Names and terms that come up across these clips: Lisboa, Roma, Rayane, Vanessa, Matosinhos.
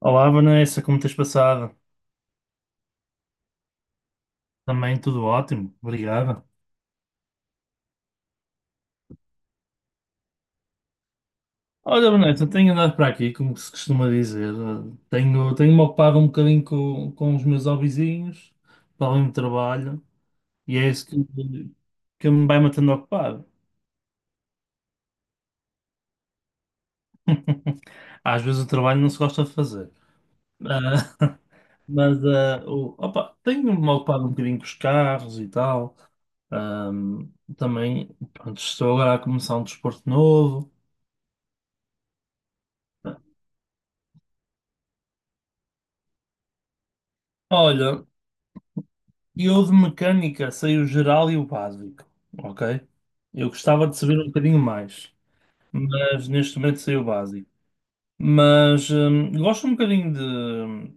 Olá, Vanessa, como tens passado? Também tudo ótimo, obrigado. Olha, Vanessa, tenho andado para aqui, como se costuma dizer. Tenho-me ocupado um bocadinho com os meus hobbyzinhos, para além do trabalho, e é isso que me vai mantendo ocupado. Às vezes o trabalho não se gosta de fazer. Ah. Mas opa, tenho-me ocupado um bocadinho com os carros e tal. Ahm, Também, pronto, estou agora a começar um desporto novo. Olha. E eu de mecânica sei o geral e o básico, ok? Eu gostava de saber um bocadinho mais, mas neste momento sei o básico. Mas gosto um bocadinho de,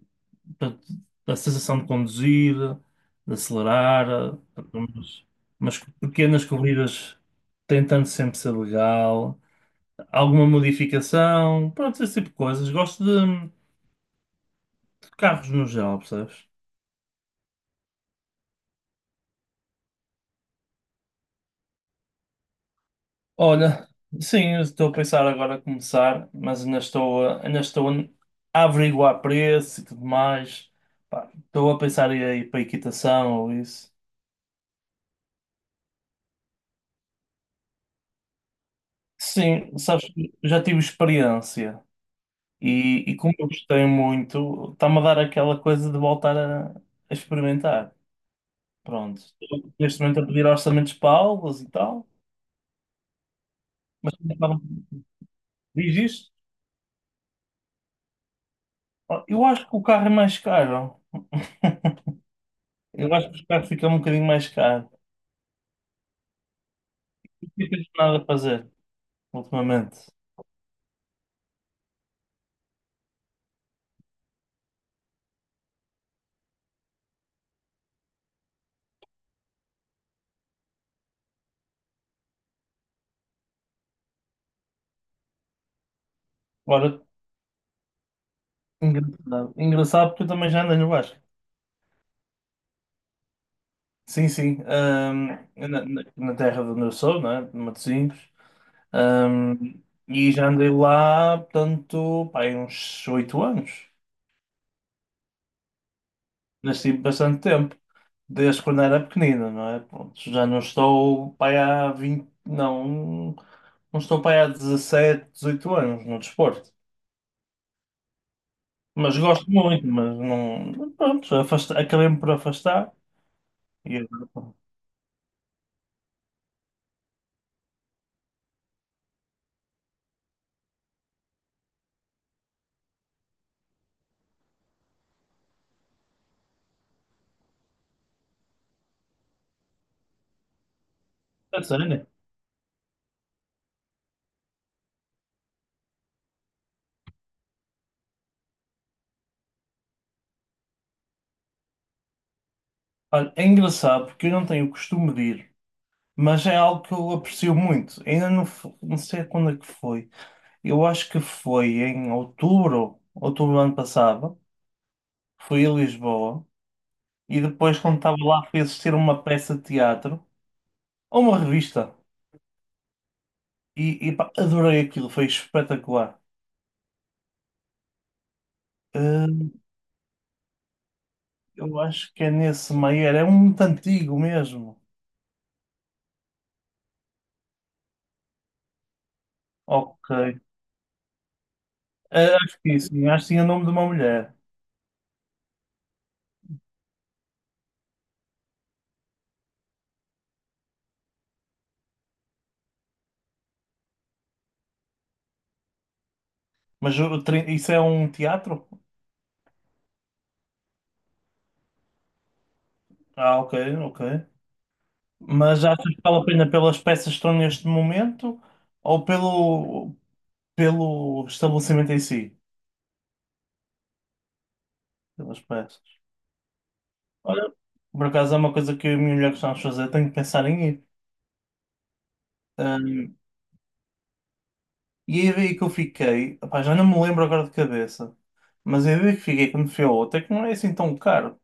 portanto, da sensação de conduzir, de acelerar, portanto, umas pequenas corridas tentando sempre ser legal, alguma modificação, pronto, esse tipo de coisas. Gosto de carros no geral, percebes? Olha, sim, eu estou a pensar agora a começar, mas ainda ainda estou a averiguar preço e tudo mais. Pá, estou a pensar em ir para a equitação ou isso. Sim, sabes, que eu já tive experiência e como eu gostei muito, está-me a dar aquela coisa de voltar a experimentar. Pronto, estou neste momento a pedir orçamentos para aulas e tal, mas também diz isto. Ó, eu acho que o carro é mais caro. Eu acho que os carros ficam um bocadinho mais caros. Não tens nada a fazer ultimamente. Agora, engraçado, engraçado porque eu também já andei no Vasco. Sim, sim. Na terra de onde eu sou, né? De Matosinhos. ahm, e já andei lá, portanto, pá, aí uns oito anos. Nasci bastante tempo. Desde quando era pequenina, não é? Pronto, já não estou, pá, aí há vinte. Não, não estou, pá, aí há 17, 18 anos no desporto. Mas gosto muito, mas não. Pronto, acabei-me por afastar. E eu. A sério? Olha, é engraçado porque eu não tenho o costume de ir, mas é algo que eu aprecio muito. Ainda não, não sei quando é que foi. Eu acho que foi em outubro, outubro do ano passado. Fui a Lisboa e depois, quando estava lá, fui assistir uma peça de teatro ou uma revista. E, pá, adorei aquilo, foi espetacular. Hum, eu acho que é nesse Maier, é um muito antigo mesmo. Ok. Ah, acho que sim, acho que tinha o nome de uma mulher. Mas isso é um teatro? Ah, ok, ok. Mas achas que vale a pena pelas peças que estão neste momento ou pelo, pelo estabelecimento em si? Pelas peças. Olha, por acaso é uma coisa que eu e a minha mulher gostamos de fazer, tenho que pensar em ir. Ahm, e a ideia que eu fiquei, opá, já não me lembro agora de cabeça, mas a ideia que fiquei quando fui ao outro é que não é assim tão caro.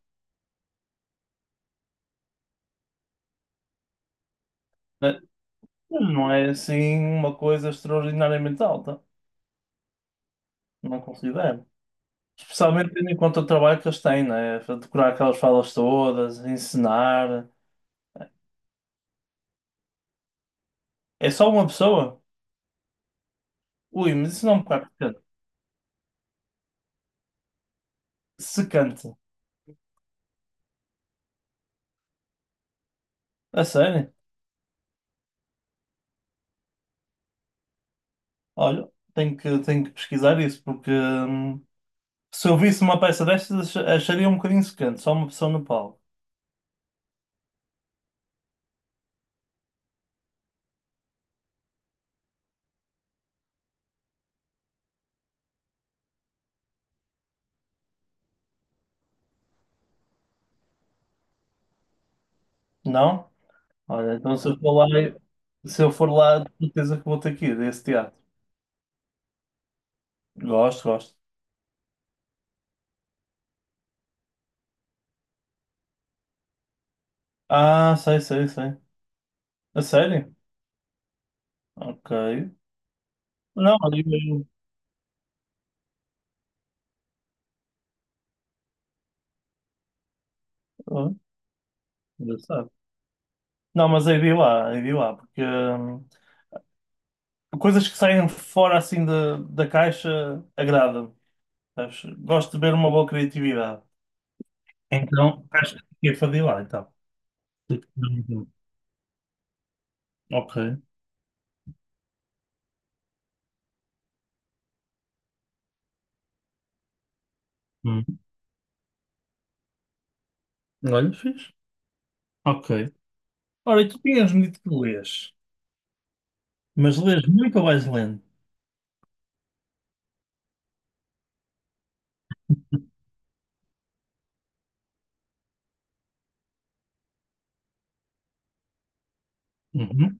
Né? Mas não é assim uma coisa extraordinariamente alta, não considero. Especialmente tendo em conta o trabalho que eles têm, né? Decorar aquelas falas todas, ensinar. É só uma pessoa? Ui, mas isso não me parece secante. A sério? Olha, tenho que pesquisar isso, porque se eu visse uma peça destas, acharia um bocadinho secante, só uma pessoa no palco. Não? Olha, então se eu for lá, se eu for lá, de certeza que vou ter que ir a esse teatro. Gosto, gosto. Ah, sei, sei, sei. A sério? Ok. Não, olha, eu- eu- engraçado. Não, mas aí vi lá, porque coisas que saem fora assim da caixa agrada-me. Sabes? Gosto de ver uma boa criatividade. Então, acho que fiquei para de ir lá, então. Ok. Hum. Olha, fiz. Ok. Ora, e tu tinhas-me dito que lês, mas lês muito ou vais lendo? Uhum.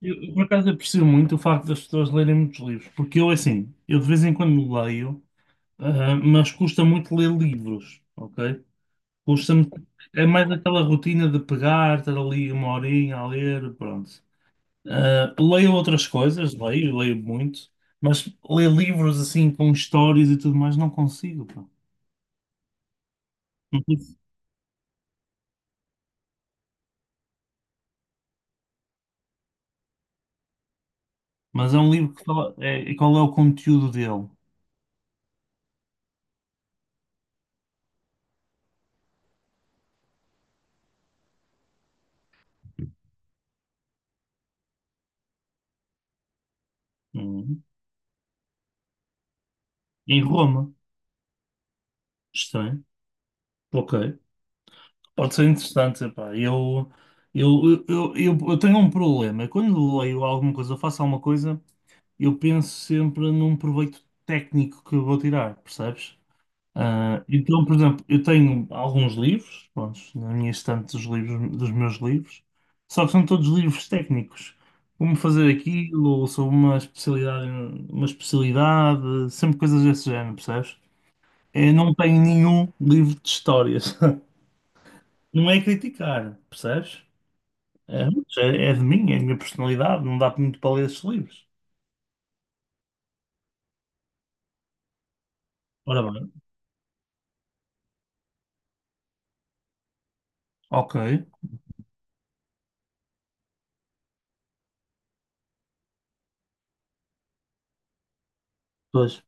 Eu por acaso, aprecio muito o facto das pessoas lerem muitos livros, porque eu, assim, eu de vez em quando leio, ah, mas custa muito ler livros, ok? Custa-me. É mais aquela rotina de pegar, estar ali uma horinha a ler, pronto. Ah, leio outras coisas, leio, leio muito, mas ler livros assim com histórias e tudo mais não consigo, pá. Não sei se. Mas é um livro que fala. É, e qual é o conteúdo dele? Hum. Em Roma. Estranho. Ok. Pode ser interessante, pá. Eu tenho um problema. Quando leio alguma coisa, ou faço alguma coisa, eu penso sempre num proveito técnico que eu vou tirar, percebes? Ah, então, por exemplo, eu tenho alguns livros, pronto, na minha estante dos livros, dos meus livros, só que são todos livros técnicos. Como fazer aquilo, ou sobre uma especialidade, sempre coisas desse género, percebes? Eu não tenho nenhum livro de histórias. Não é criticar, percebes? É, mas é é de mim, é a minha personalidade, não dá muito para ler esses livros. Ora bem, ok. Pois.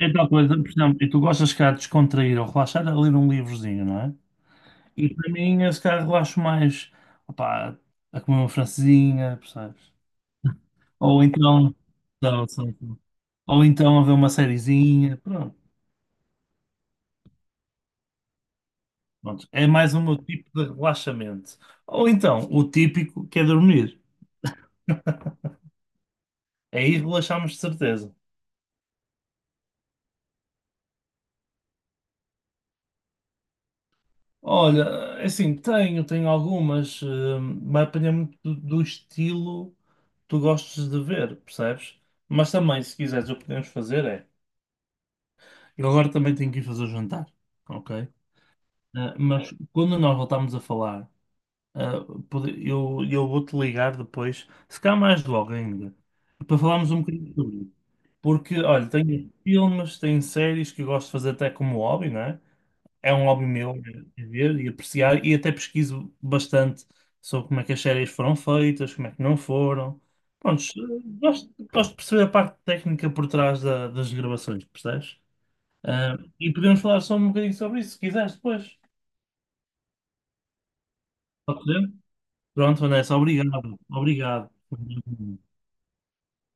É tal coisa, por exemplo, e tu gostas, cá, de descontrair ou relaxar, a ler um livrozinho, não é? E para mim, eu se calhar relaxo mais, opá, a comer uma francesinha, percebes? Ou então, não, só. Ou então a ver uma sériezinha, pronto. Pronto, é mais o meu tipo de relaxamento. Ou então, o típico que é dormir. Aí relaxamos de certeza. Olha, é assim, tenho algumas, vai depender muito do estilo que tu gostes de ver, percebes? Mas também, se quiseres, o que podemos fazer é. Eu agora também tenho que ir fazer o jantar, ok? Ah, mas quando nós voltarmos a falar, ah, eu vou-te ligar depois, se calhar mais logo ainda, para falarmos um bocadinho sobre isso. Porque, olha, tenho filmes, tenho séries que eu gosto de fazer até como hobby, não é? É um hobby meu é ver e apreciar, e até pesquiso bastante sobre como é que as séries foram feitas, como é que não foram. Pronto, gosto de perceber a parte técnica por trás das gravações, percebes? Ah, e podemos falar só um bocadinho sobre isso, se quiseres depois. Pode ser? Pronto, Vanessa, obrigado. Obrigado.